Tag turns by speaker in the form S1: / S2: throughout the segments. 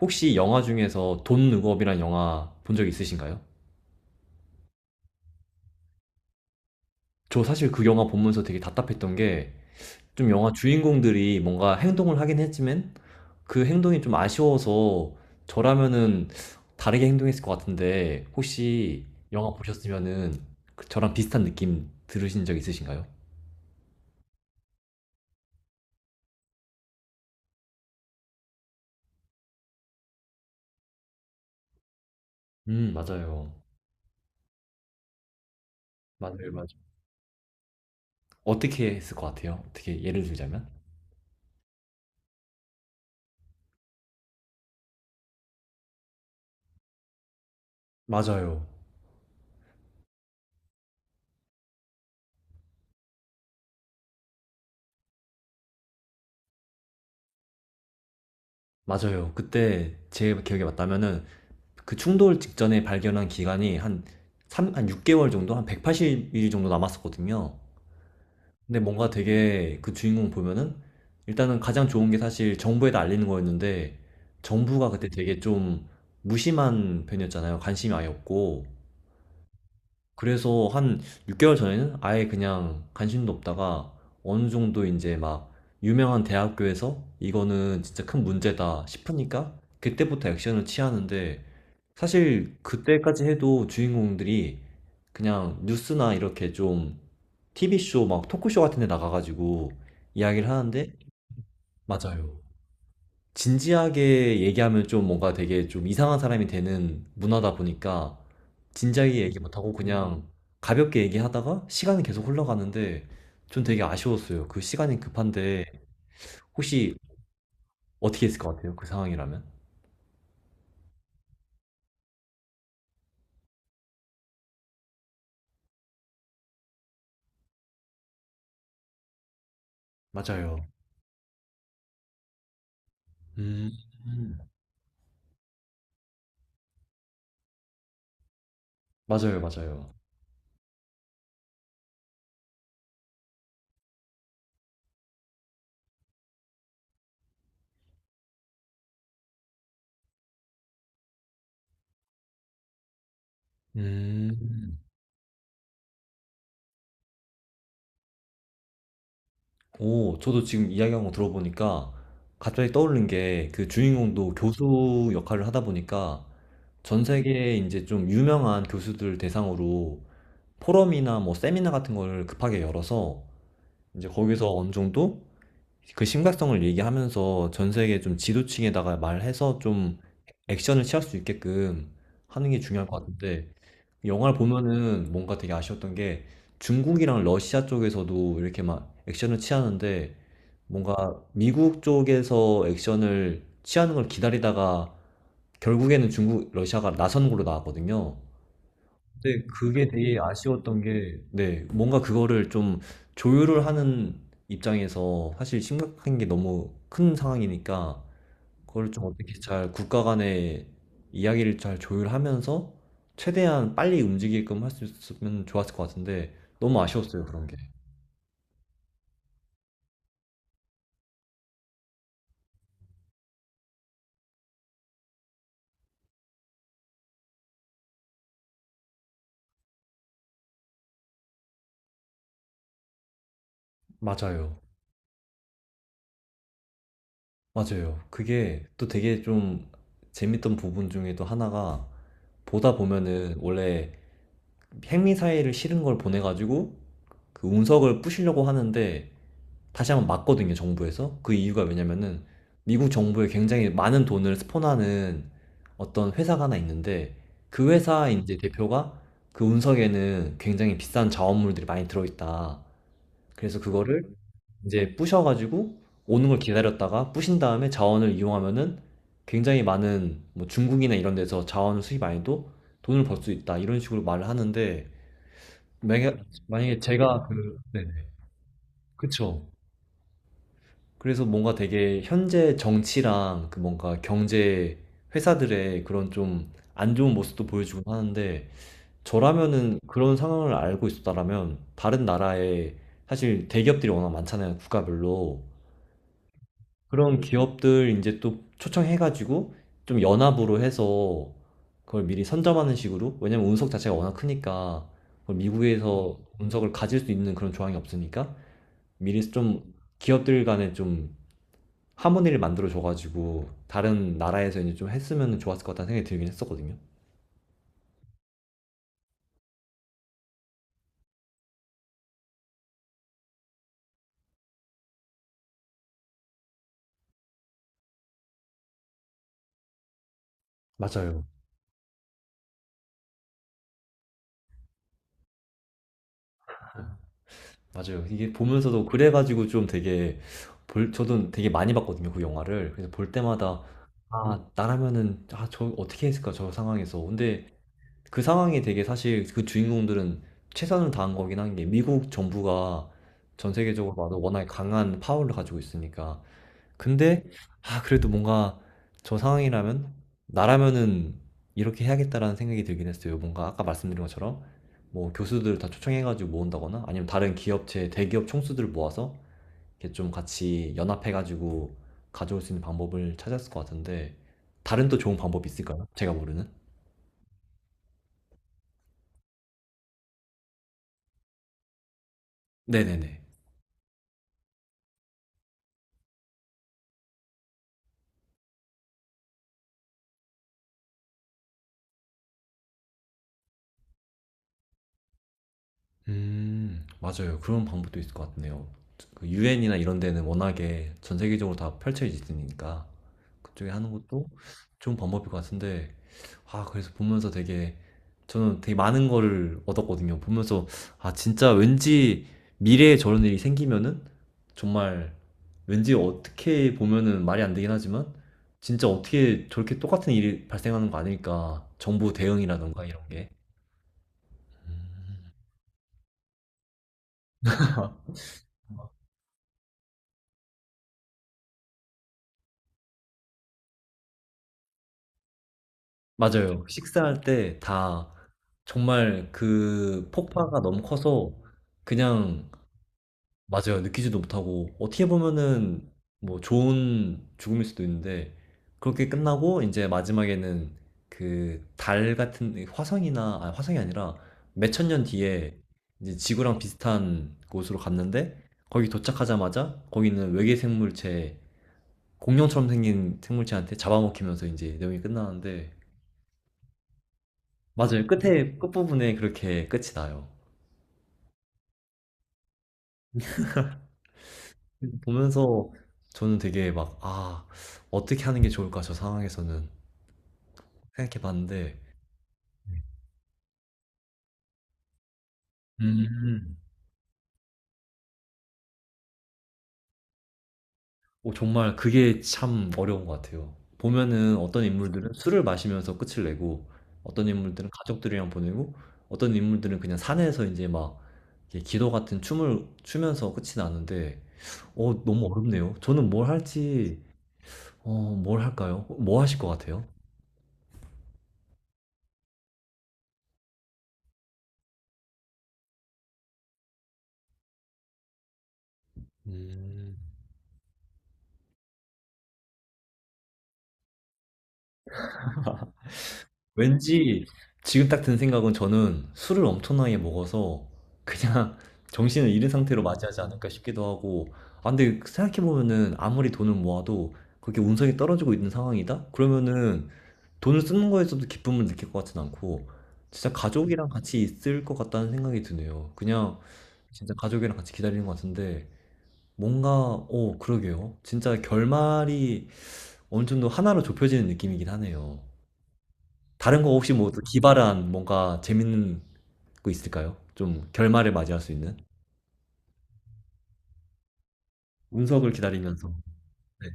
S1: 혹시 영화 중에서 돈 룩업이란 영화 본 적 있으신가요? 저 사실 그 영화 보면서 되게 답답했던 게, 좀 영화 주인공들이 뭔가 행동을 하긴 했지만 그 행동이 좀 아쉬워서, 저라면은 다르게 행동했을 것 같은데, 혹시 영화 보셨으면은 그 저랑 비슷한 느낌 들으신 적 있으신가요? 맞아요. 맞아요, 맞아요. 어떻게 했을 것 같아요? 어떻게, 예를 들자면? 맞아요. 맞아요. 그때 제 기억에 맞다면은, 그 충돌 직전에 발견한 기간이 한 3, 한 6개월 정도? 한 180일 정도 남았었거든요. 근데 뭔가 되게 그 주인공 보면은, 일단은 가장 좋은 게 사실 정부에다 알리는 거였는데, 정부가 그때 되게 좀 무심한 편이었잖아요. 관심이 아예 없고. 그래서 한 6개월 전에는 아예 그냥 관심도 없다가 어느 정도 이제 막 유명한 대학교에서 이거는 진짜 큰 문제다 싶으니까 그때부터 액션을 취하는데, 사실 그때까지 해도 주인공들이 그냥 뉴스나 이렇게 좀 TV쇼, 막 토크쇼 같은 데 나가가지고 이야기를 하는데. 맞아요. 진지하게 얘기하면 좀 뭔가 되게 좀 이상한 사람이 되는 문화다 보니까 진지하게 얘기 못하고 그냥 가볍게 얘기하다가 시간이 계속 흘러가는데, 전 되게 아쉬웠어요. 그 시간이 급한데. 혹시, 어떻게 했을 것 같아요? 그 상황이라면? 맞아요. 음, 음. 맞아요, 맞아요. 음. 오, 저도 지금 이야기한 거 들어보니까 갑자기 떠오른 게, 그 주인공도 교수 역할을 하다 보니까 전 세계에 이제 좀 유명한 교수들 대상으로 포럼이나 뭐 세미나 같은 걸 급하게 열어서 이제 거기서 어느 정도 그 심각성을 얘기하면서 전 세계 좀 지도층에다가 말해서 좀 액션을 취할 수 있게끔 하는 게 중요할 것 같은데. 영화를 보면은 뭔가 되게 아쉬웠던 게, 중국이랑 러시아 쪽에서도 이렇게 막 액션을 취하는데, 뭔가 미국 쪽에서 액션을 취하는 걸 기다리다가 결국에는 중국, 러시아가 나선 걸로 나왔거든요. 근데 그게 되게 아쉬웠던 게, 네, 뭔가 그거를 좀 조율을 하는 입장에서 사실 심각한 게 너무 큰 상황이니까 그걸 좀 어떻게 잘 국가 간의 이야기를 잘 조율하면서 최대한 빨리 움직이게끔 할 수 있으면 좋았을 것 같은데, 너무 아쉬웠어요, 그런 게. 맞아요. 맞아요. 그게 또 되게 좀 재밌던 부분 중에도 하나가, 보다 보면은 원래 핵미사일을 실은 걸 보내가지고 그 운석을 부시려고 하는데 다시 한번 맞거든요, 정부에서. 그 이유가 왜냐면은, 미국 정부에 굉장히 많은 돈을 스폰하는 어떤 회사가 하나 있는데, 그 회사 이제 대표가, 그 운석에는 굉장히 비싼 자원물들이 많이 들어있다, 그래서 그거를 이제 부셔가지고 오는 걸 기다렸다가 부신 다음에 자원을 이용하면은 굉장히 많은, 뭐 중국이나 이런 데서 자원을 수입 안 해도 돈을 벌 수 있다, 이런 식으로 말을 하는데, 만약- 만약에 제가 그. 네네. 그쵸. 그래서 뭔가 되게 현재 정치랑 그 뭔가 경제 회사들의 그런 좀 안 좋은 모습도 보여주곤 하는데, 저라면은 그런 상황을 알고 있었다라면 다른 나라에, 사실 대기업들이 워낙 많잖아요. 국가별로. 그런 기업들 이제 또 초청해가지고 좀 연합으로 해서 그걸 미리 선점하는 식으로. 왜냐면 운석 자체가 워낙 크니까 그걸 미국에서 운석을 가질 수 있는 그런 조항이 없으니까 미리 좀 기업들 간에 좀 하모니를 만들어 줘가지고 다른 나라에서 이제 좀 했으면 좋았을 것 같다는 생각이 들긴 했었거든요. 맞아요. 맞아요. 이게 보면서도 그래가지고 좀 되게, 저도 되게 많이 봤거든요, 그 영화를. 그래서 볼 때마다, 아, 나라면은, 아, 저 어떻게 했을까, 저 상황에서. 근데 그 상황이 되게, 사실 그 주인공들은 최선을 다한 거긴 한 게 미국 정부가 전 세계적으로 봐도 워낙에 강한 파워를 가지고 있으니까. 근데 아, 그래도 뭔가 저 상황이라면 나라면은 이렇게 해야겠다라는 생각이 들긴 했어요. 뭔가 아까 말씀드린 것처럼 뭐 교수들 다 초청해가지고 모은다거나 아니면 다른 기업체 대기업 총수들 모아서 이렇게 좀 같이 연합해가지고 가져올 수 있는 방법을 찾았을 것 같은데, 다른 또 좋은 방법이 있을까요? 제가 모르는? 네네네. 맞아요. 그런 방법도 있을 것 같네요. 그 유엔이나 이런 데는 워낙에 전 세계적으로 다 펼쳐져 있으니까 그쪽에 하는 것도 좋은 방법일 것 같은데. 아, 그래서 보면서 되게, 저는 되게 많은 거를 얻었거든요. 보면서, 아, 진짜 왠지 미래에 저런 일이 생기면은 정말, 왠지 어떻게 보면은 말이 안 되긴 하지만, 진짜 어떻게 저렇게 똑같은 일이 발생하는 거 아닐까. 정부 대응이라던가 이런 게. 맞아요. 식사할 때 다 정말 그 폭파가 너무 커서 그냥. 맞아요. 느끼지도 못하고, 어떻게 보면은 뭐 좋은 죽음일 수도 있는데, 그렇게 끝나고 이제 마지막에는 그 달 같은 화성이나, 아, 화성이 아니라 몇천년 뒤에 이제 지구랑 비슷한 곳으로 갔는데, 거기 도착하자마자 거기는 외계 생물체, 공룡처럼 생긴 생물체한테 잡아먹히면서 이제 내용이 끝나는데. 맞아요. 끝에, 끝부분에 그렇게 끝이 나요. 보면서 저는 되게 막, 아, 어떻게 하는 게 좋을까, 저 상황에서는 생각해 봤는데. 음. 오, 정말 그게 참 어려운 것 같아요. 보면은 어떤 인물들은 술을 마시면서 끝을 내고, 어떤 인물들은 가족들이랑 보내고, 어떤 인물들은 그냥 산에서 이제 막 이렇게 기도 같은 춤을 추면서 끝이 나는데, 어, 너무 어렵네요. 저는 뭘 할지, 어, 뭘 할까요? 뭐 하실 것 같아요? 음. 왠지 지금 딱 든 생각은, 저는 술을 엄청나게 먹어서 그냥 정신을 잃은 상태로 맞이하지 않을까 싶기도 하고, 아, 근데 생각해보면은 아무리 돈을 모아도 그렇게 운석이 떨어지고 있는 상황이다? 그러면은 돈을 쓰는 거에서도 기쁨을 느낄 것 같진 않고, 진짜 가족이랑 같이 있을 것 같다는 생각이 드네요. 그냥 진짜 가족이랑 같이 기다리는 것 같은데. 뭔가, 어, 그러게요. 진짜 결말이 어느 정도 하나로 좁혀지는 느낌이긴 하네요. 다른 거 혹시 뭐또 기발한 뭔가 재밌는 거 있을까요? 좀 결말을 맞이할 수 있는? 운석을 기다리면서. 네.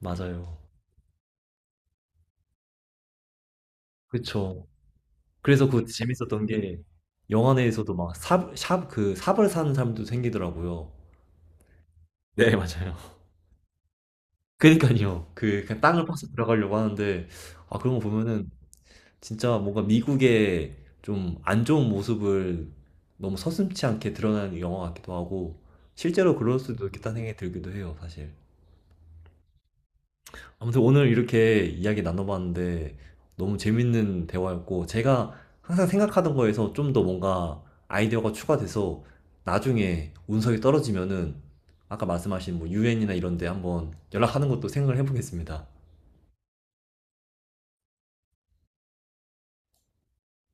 S1: 맞아요. 그쵸. 그래서 그 재밌었던 게, 영화 내에서도 막 그 삽을 사는 사람도 생기더라고요. 네, 맞아요. 그니까요. 그 그냥 땅을 파서 들어가려고 하는데, 아, 그런 거 보면은 진짜 뭔가 미국의 좀 안 좋은 모습을 너무 서슴지 않게 드러나는 영화 같기도 하고 실제로 그럴 수도 있겠다는 생각이 들기도 해요, 사실. 아무튼 오늘 이렇게 이야기 나눠봤는데 너무 재밌는 대화였고, 제가 항상 생각하던 거에서 좀 더 뭔가 아이디어가 추가돼서 나중에 운석이 떨어지면은 아까 말씀하신 뭐 유엔이나 이런 데 한번 연락하는 것도 생각을 해보겠습니다.